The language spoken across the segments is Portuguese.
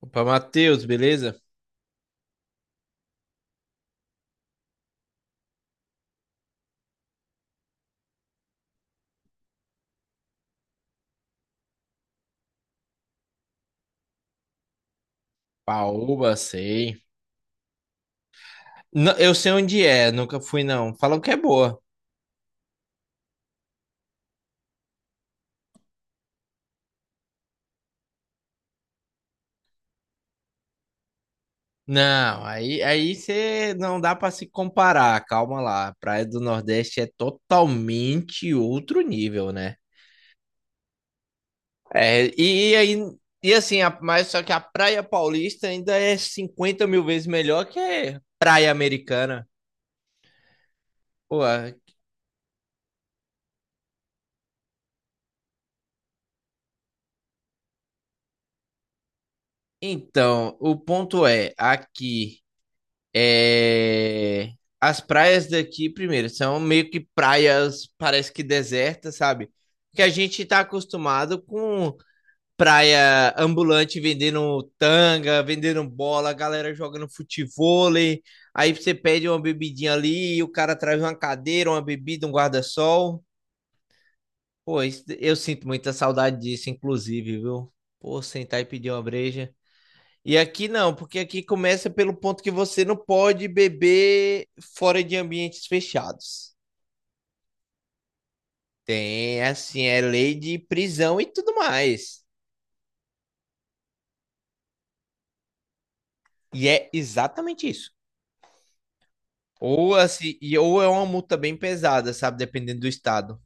Opa, Matheus, beleza? Paoba, sei. Não, eu sei onde é, nunca fui não. Falam que é boa. Não, aí você não dá pra se comparar, calma lá. Praia do Nordeste é totalmente outro nível, né? É, e aí e assim, mas só que a Praia Paulista ainda é 50 mil vezes melhor que a Praia Americana. Pô, então, o ponto é aqui. É, As praias daqui, primeiro, são meio que praias, parece que desertas, sabe? Que a gente tá acostumado com praia ambulante vendendo tanga, vendendo bola, galera jogando futevôlei. Aí você pede uma bebidinha ali, e o cara traz uma cadeira, uma bebida, um guarda-sol. Pô, eu sinto muita saudade disso, inclusive, viu? Pô, sentar e pedir uma breja. E aqui não, porque aqui começa pelo ponto que você não pode beber fora de ambientes fechados. Tem, assim, é lei de prisão e tudo mais. E é exatamente isso. Ou assim, ou é uma multa bem pesada, sabe? Dependendo do estado.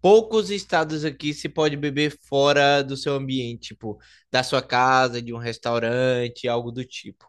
Poucos estados aqui se pode beber fora do seu ambiente, tipo, da sua casa, de um restaurante, algo do tipo.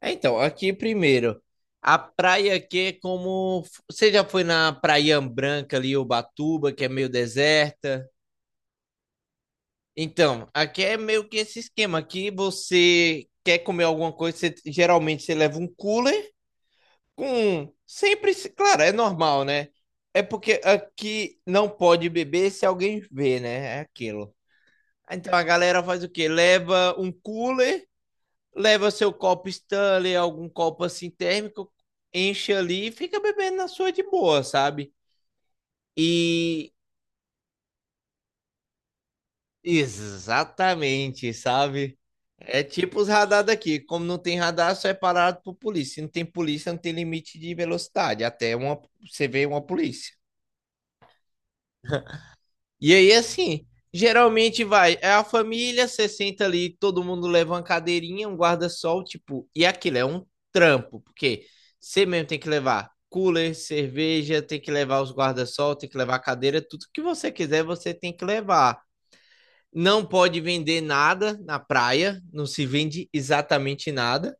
É, então, aqui primeiro, a praia que é como. Você já foi na Praia Branca ali, Ubatuba, que é meio deserta? Então, aqui é meio que esse esquema. Aqui você quer comer alguma coisa, geralmente você leva um cooler com. Sempre. Claro, é normal, né? É porque aqui não pode beber se alguém vê, né? É aquilo. Então a galera faz o quê? Leva um cooler, leva seu copo Stanley, algum copo assim térmico, enche ali e fica bebendo na sua de boa, sabe? E exatamente, sabe? É tipo os radar daqui. Como não tem radar, só é parado por polícia. Se não tem polícia, não tem limite de velocidade. Até uma, você vê uma polícia. E aí, assim, geralmente vai, é a família, você senta ali, todo mundo leva uma cadeirinha, um guarda-sol, tipo, e aquilo é um trampo, porque você mesmo tem que levar cooler, cerveja, tem que levar os guarda-sol, tem que levar cadeira, tudo que você quiser, você tem que levar. Não pode vender nada na praia, não se vende exatamente nada.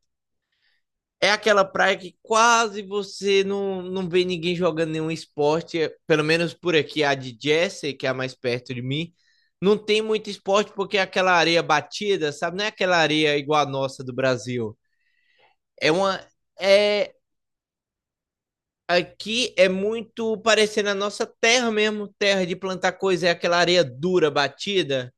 É aquela praia que quase você não vê ninguém jogando nenhum esporte, pelo menos por aqui, a de Jersey, que é a mais perto de mim, não tem muito esporte porque é aquela areia batida, sabe? Não é aquela areia igual a nossa do Brasil. É uma é aqui é muito parecendo a nossa terra mesmo, terra de plantar coisa, é aquela areia dura batida.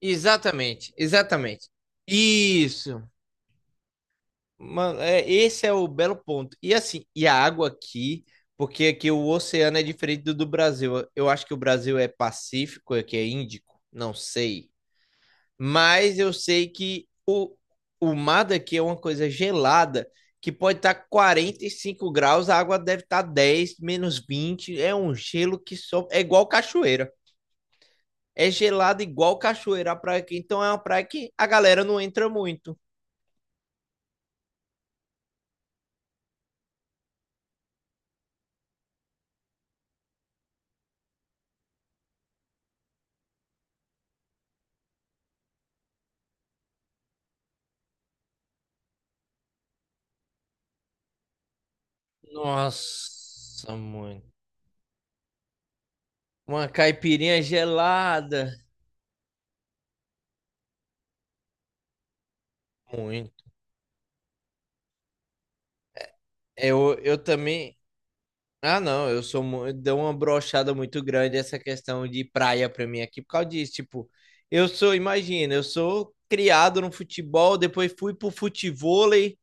Exatamente, exatamente. Isso. Mano, é, esse é o belo ponto. E assim, e a água aqui, porque aqui o oceano é diferente do Brasil. Eu acho que o Brasil é Pacífico, aqui é Índico, não sei. Mas eu sei que o mar daqui é uma coisa gelada, que pode estar 45 graus, a água deve estar 10 menos vinte. É um gelo que só. É igual cachoeira. É gelado igual cachoeira a praia aqui. Então é uma praia que a galera não entra muito. Nossa, mano. Uma caipirinha gelada. Muito. Eu também. Ah, não. Deu uma brochada muito grande essa questão de praia pra mim aqui por causa disso. Tipo, eu sou, imagina, eu sou criado no futebol, depois fui pro futevôlei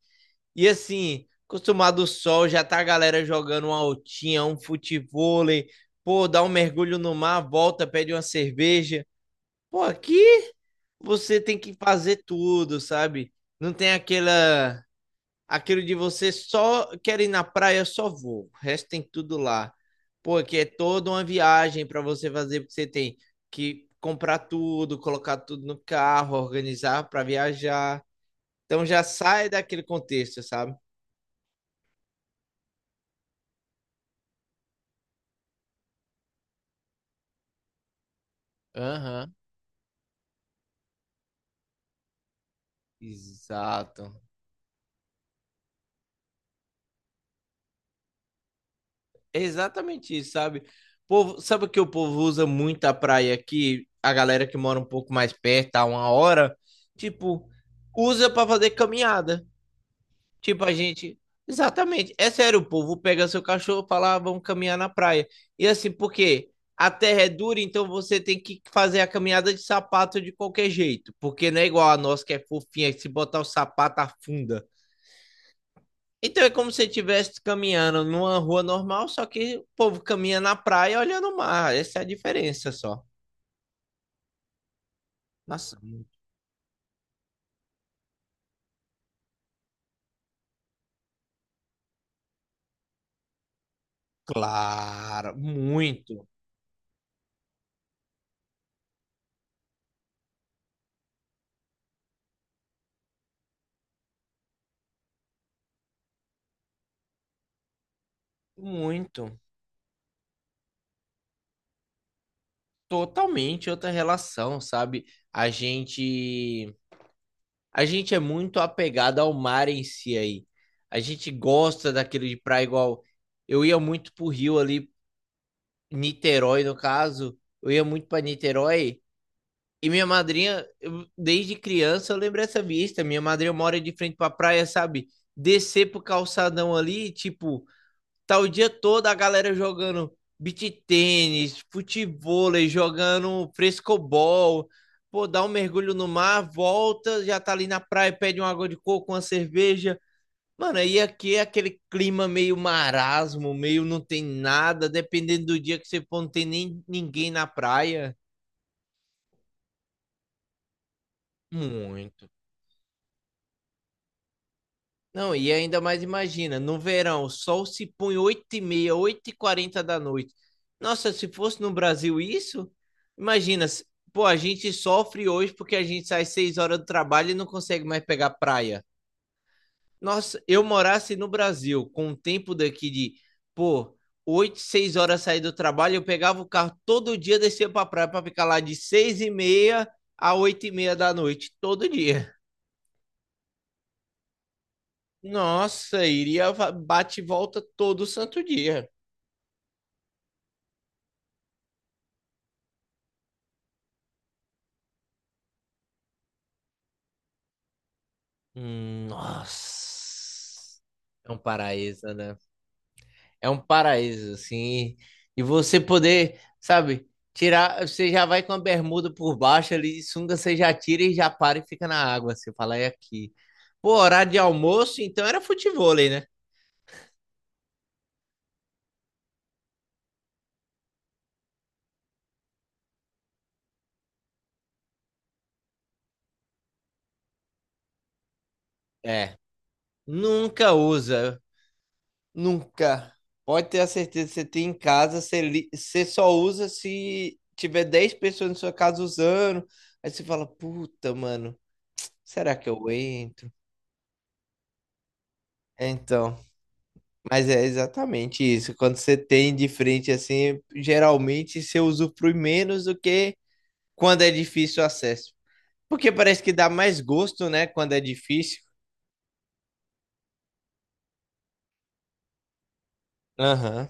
e assim, acostumado ao sol, já tá a galera jogando uma altinha, um futevôlei. Pô, dá um mergulho no mar, volta, pede uma cerveja. Pô, aqui você tem que fazer tudo, sabe? Não tem aquela aquilo de você só quer ir na praia, só vou. O resto tem tudo lá. Porque é toda uma viagem para você fazer, porque você tem que comprar tudo, colocar tudo no carro, organizar para viajar. Então já sai daquele contexto, sabe? Aham. Exato. É exatamente isso, sabe? Povo, sabe que o povo usa muito a praia aqui? A galera que mora um pouco mais perto, a uma hora, tipo, usa para fazer caminhada. Tipo, a gente. Exatamente. É sério, o povo pega seu cachorro e fala, ah, vamos caminhar na praia. E assim, porque a terra é dura, então você tem que fazer a caminhada de sapato de qualquer jeito. Porque não é igual a nossa que é fofinha, que se botar o sapato afunda. Então é como se você estivesse caminhando numa rua normal, só que o povo caminha na praia olhando o mar. Essa é a diferença só. Nossa, muito claro, muito, muito, totalmente outra relação, sabe? A gente a gente é muito apegado ao mar em si aí. A gente gosta daquilo de praia igual. Eu ia muito pro Rio ali, Niterói no caso. Eu ia muito pra Niterói e minha madrinha, desde criança eu lembro essa vista. Minha madrinha mora de frente pra praia, sabe? Descer pro calçadão ali, tipo, tá o dia todo a galera jogando beach tênis, futevôlei, jogando frescobol. Pô, dá um mergulho no mar, volta, já tá ali na praia, pede uma água de coco, uma cerveja. Mano, aí aqui é aquele clima meio marasmo, meio não tem nada, dependendo do dia que você for, não tem nem ninguém na praia. Muito. Não, e ainda mais imagina, no verão, o sol se põe 8:30, 8:40 da noite. Nossa, se fosse no Brasil isso, imagina, pô, a gente sofre hoje porque a gente sai 6 horas do trabalho e não consegue mais pegar praia. Nossa, eu morasse no Brasil, com o tempo daqui de, pô, oito, 6 horas sair do trabalho, eu pegava o carro todo dia, descia pra praia pra ficar lá de 6:30 a 8:30 da noite, todo dia. Nossa, iria bate e volta todo santo dia. Hum. Nossa. É um paraíso, né? É um paraíso, assim. E você poder, sabe, tirar. Você já vai com a bermuda por baixo ali de sunga, você já tira e já para e fica na água. Você fala, é aqui. Pô, horário de almoço, então era futevôlei, né? É. Nunca usa. Nunca. Pode ter a certeza que você tem em casa, você só usa se tiver 10 pessoas na sua casa usando. Aí você fala, puta, mano, será que eu entro? É. Então, mas é exatamente isso. Quando você tem de frente assim, geralmente você usufrui menos do que quando é difícil o acesso. Porque parece que dá mais gosto, né, quando é difícil. Aham,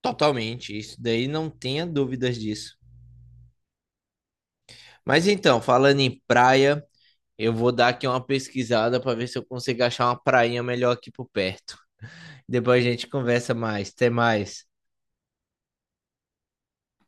totalmente. Isso daí não tenha dúvidas disso. Mas então, falando em praia. Eu vou dar aqui uma pesquisada para ver se eu consigo achar uma prainha melhor aqui por perto. Depois a gente conversa mais. Até mais.